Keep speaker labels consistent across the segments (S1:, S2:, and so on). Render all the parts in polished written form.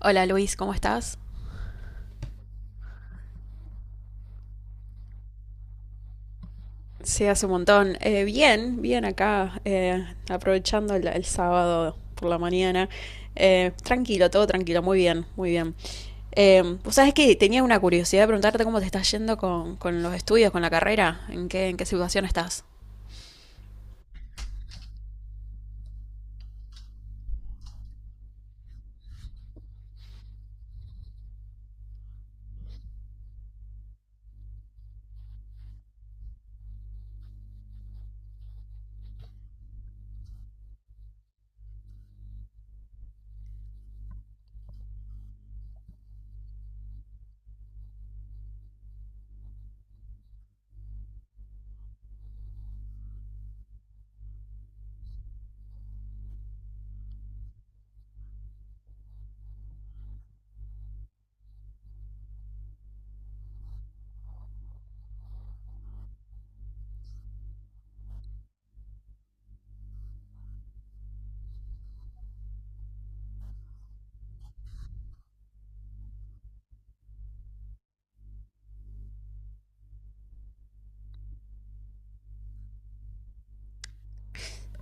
S1: Hola Luis, ¿cómo estás? Sí, hace un montón. Bien, bien acá, aprovechando el sábado por la mañana. Tranquilo, todo tranquilo, muy bien, muy bien. ¿Vos sabés que tenía una curiosidad de preguntarte cómo te está yendo con los estudios, con la carrera? En qué situación estás?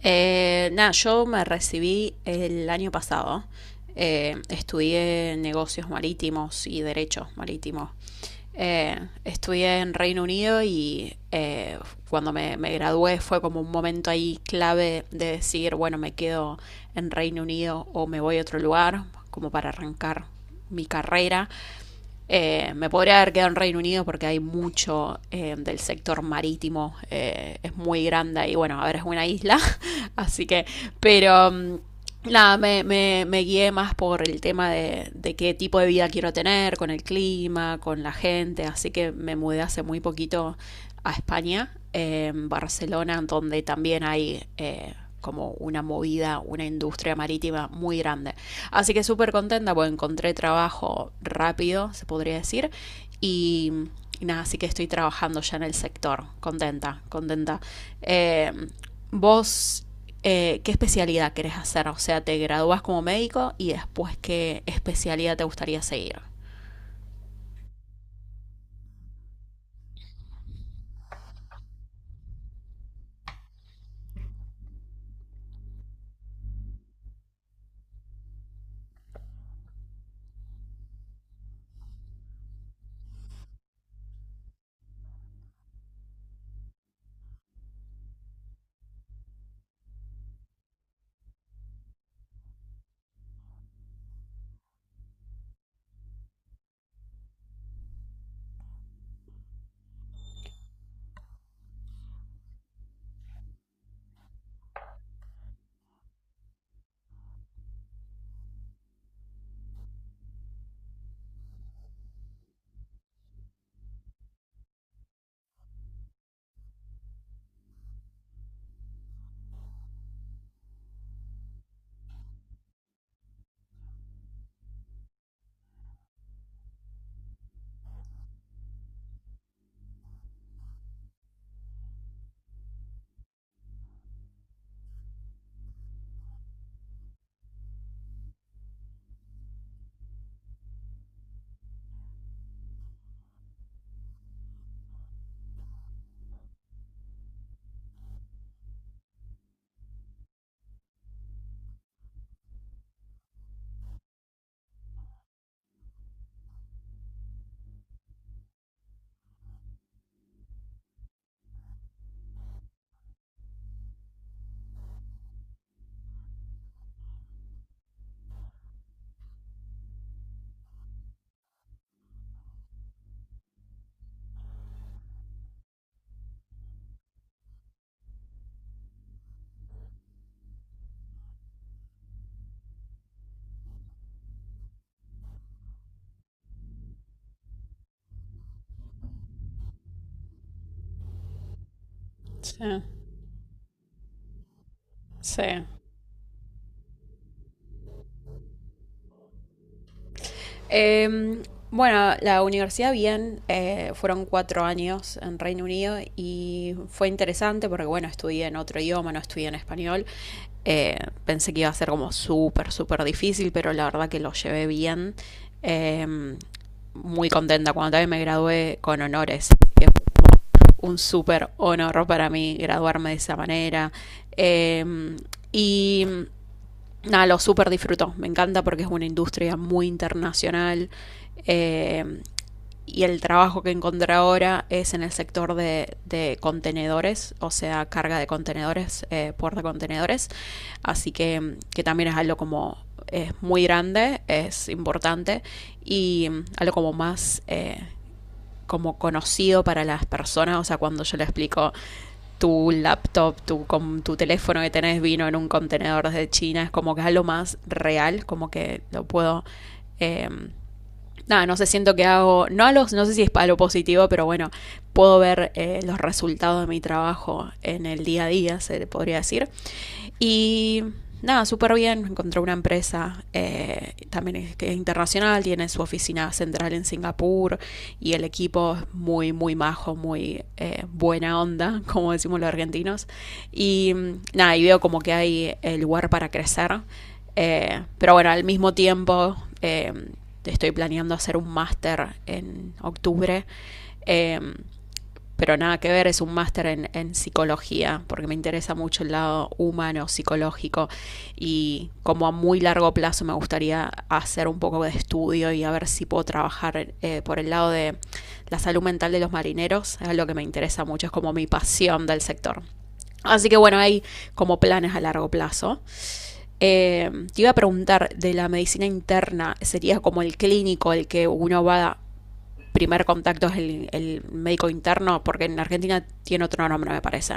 S1: Nada, yo me recibí el año pasado. Estudié negocios marítimos y derechos marítimos. Estudié en Reino Unido y cuando me gradué fue como un momento ahí clave de decir, bueno, me quedo en Reino Unido o me voy a otro lugar, como para arrancar mi carrera. Me podría haber quedado en Reino Unido porque hay mucho del sector marítimo, es muy grande y bueno, a ver, es una isla, así que, pero nada, guié más por el tema qué tipo de vida quiero tener, con el clima, con la gente, así que me mudé hace muy poquito a España, en Barcelona, donde también hay como una movida, una industria marítima muy grande. Así que súper contenta, pues encontré trabajo rápido, se podría decir. Y, y nada, así que estoy trabajando ya en el sector. Contenta, contenta. Eh, Vos, ¿qué especialidad querés hacer? O sea, ¿te graduás como médico y después qué especialidad te gustaría seguir? Sí, sí. Em, bueno, la universidad bien, fueron cuatro años en Reino Unido y fue interesante porque, bueno, estudié en otro idioma, no estudié en español. Eh, Pensé que iba a ser como súper, súper difícil, pero la verdad que lo llevé bien. Em, Muy contenta cuando también me gradué con honores, que fue un súper honor para mí graduarme de esa manera. Em, y nada, lo súper disfruto. Me encanta porque es una industria muy internacional. eh, y el trabajo que encontré ahora es en el sector de contenedores, o sea, carga de contenedores, puerta de contenedores. Así que también es algo como es muy grande, es importante y algo como más como conocido para las personas. O sea, cuando yo le explico tu laptop, tu, con tu teléfono que tenés vino en un contenedor desde China, es como que es lo más real, como que lo puedo em, nada, no sé, siento que hago, no, a los, no sé si es para lo positivo, pero bueno, puedo ver los resultados de mi trabajo en el día a día, se podría decir. Y nada, súper bien, encontré una empresa también es, que es internacional, tiene su oficina central en Singapur y el equipo es muy, muy majo, muy buena onda, como decimos los argentinos. Y nada, y veo como que hay el lugar para crecer pero bueno, al mismo tiempo eh, estoy planeando hacer un máster en octubre. eh, pero nada que ver, es un máster en psicología, porque me interesa mucho el lado humano, psicológico, y como a muy largo plazo me gustaría hacer un poco de estudio y a ver si puedo trabajar por el lado de la salud mental de los marineros, es lo que me interesa mucho, es como mi pasión del sector. Así que bueno, hay como planes a largo plazo. Te iba a preguntar de la medicina interna, ¿sería como el clínico el que uno va a primer contacto es el médico interno? Porque en Argentina tiene otro nombre, me parece.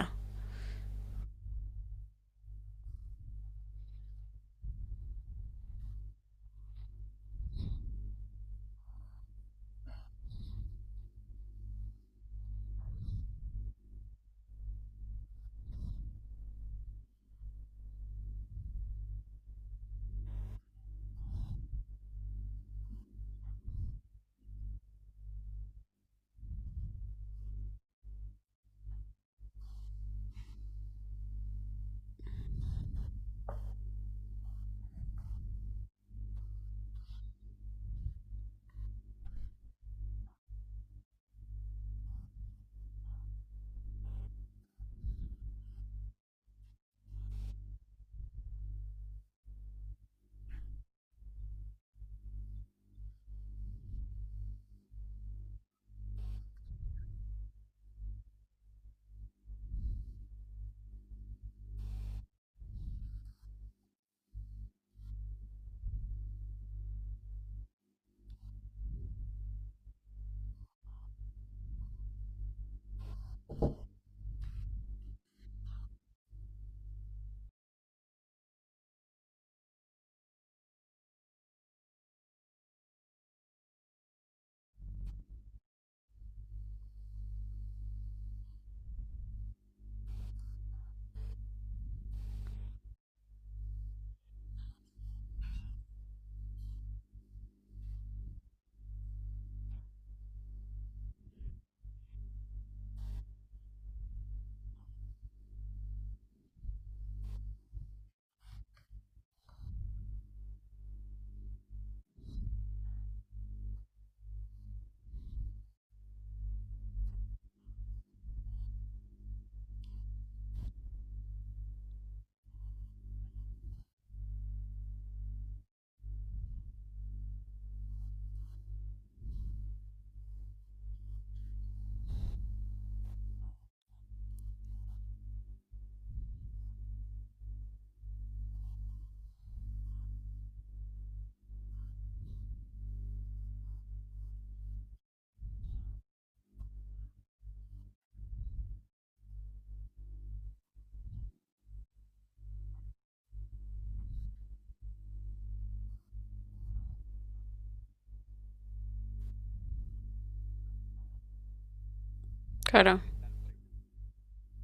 S1: Claro,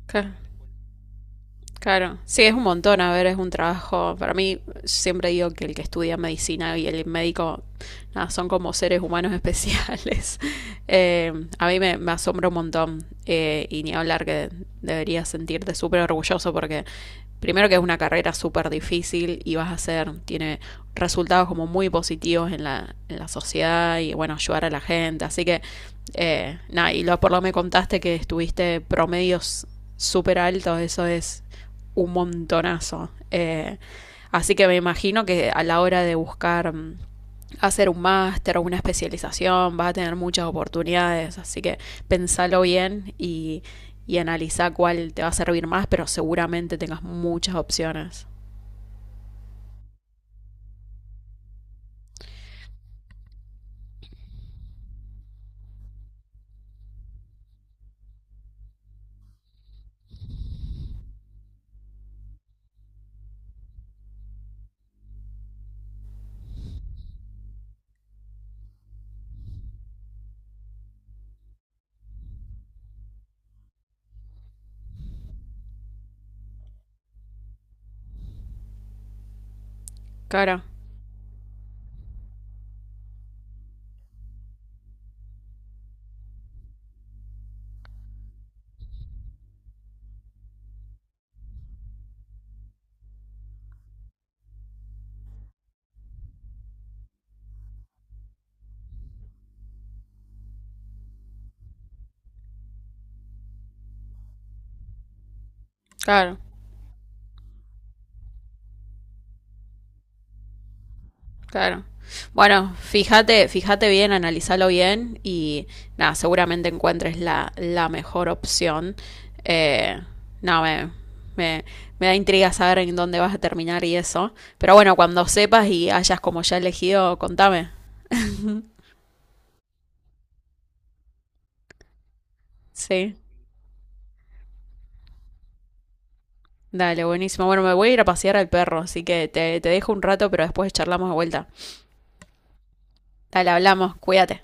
S1: claro, claro. Sí, es un montón, a ver, es un trabajo. Para mí, siempre digo que el que estudia medicina y el médico nada, son como seres humanos especiales. Eh, a mí me asombra un montón, y ni hablar que deberías sentirte súper orgulloso porque primero que es una carrera súper difícil y vas a hacer, tiene resultados como muy positivos en la sociedad y bueno, ayudar a la gente. Así que, nada, y lo, por lo que me contaste que estuviste promedios súper altos, eso es un montonazo. Así que me imagino que a la hora de buscar hacer un máster o una especialización, vas a tener muchas oportunidades, así que pensalo bien y analiza cuál te va a servir más, pero seguramente tengas muchas opciones. Claro, claro, claro. Bueno, fíjate, fíjate bien, analizalo bien y nada, seguramente encuentres la mejor opción. Eh, no, me, me da intriga saber en dónde vas a terminar y eso. Pero bueno, cuando sepas y hayas como ya elegido, contame. Sí. Dale, buenísimo. Bueno, me voy a ir a pasear al perro, así que te dejo un rato, pero después charlamos de vuelta. Dale, hablamos, cuídate.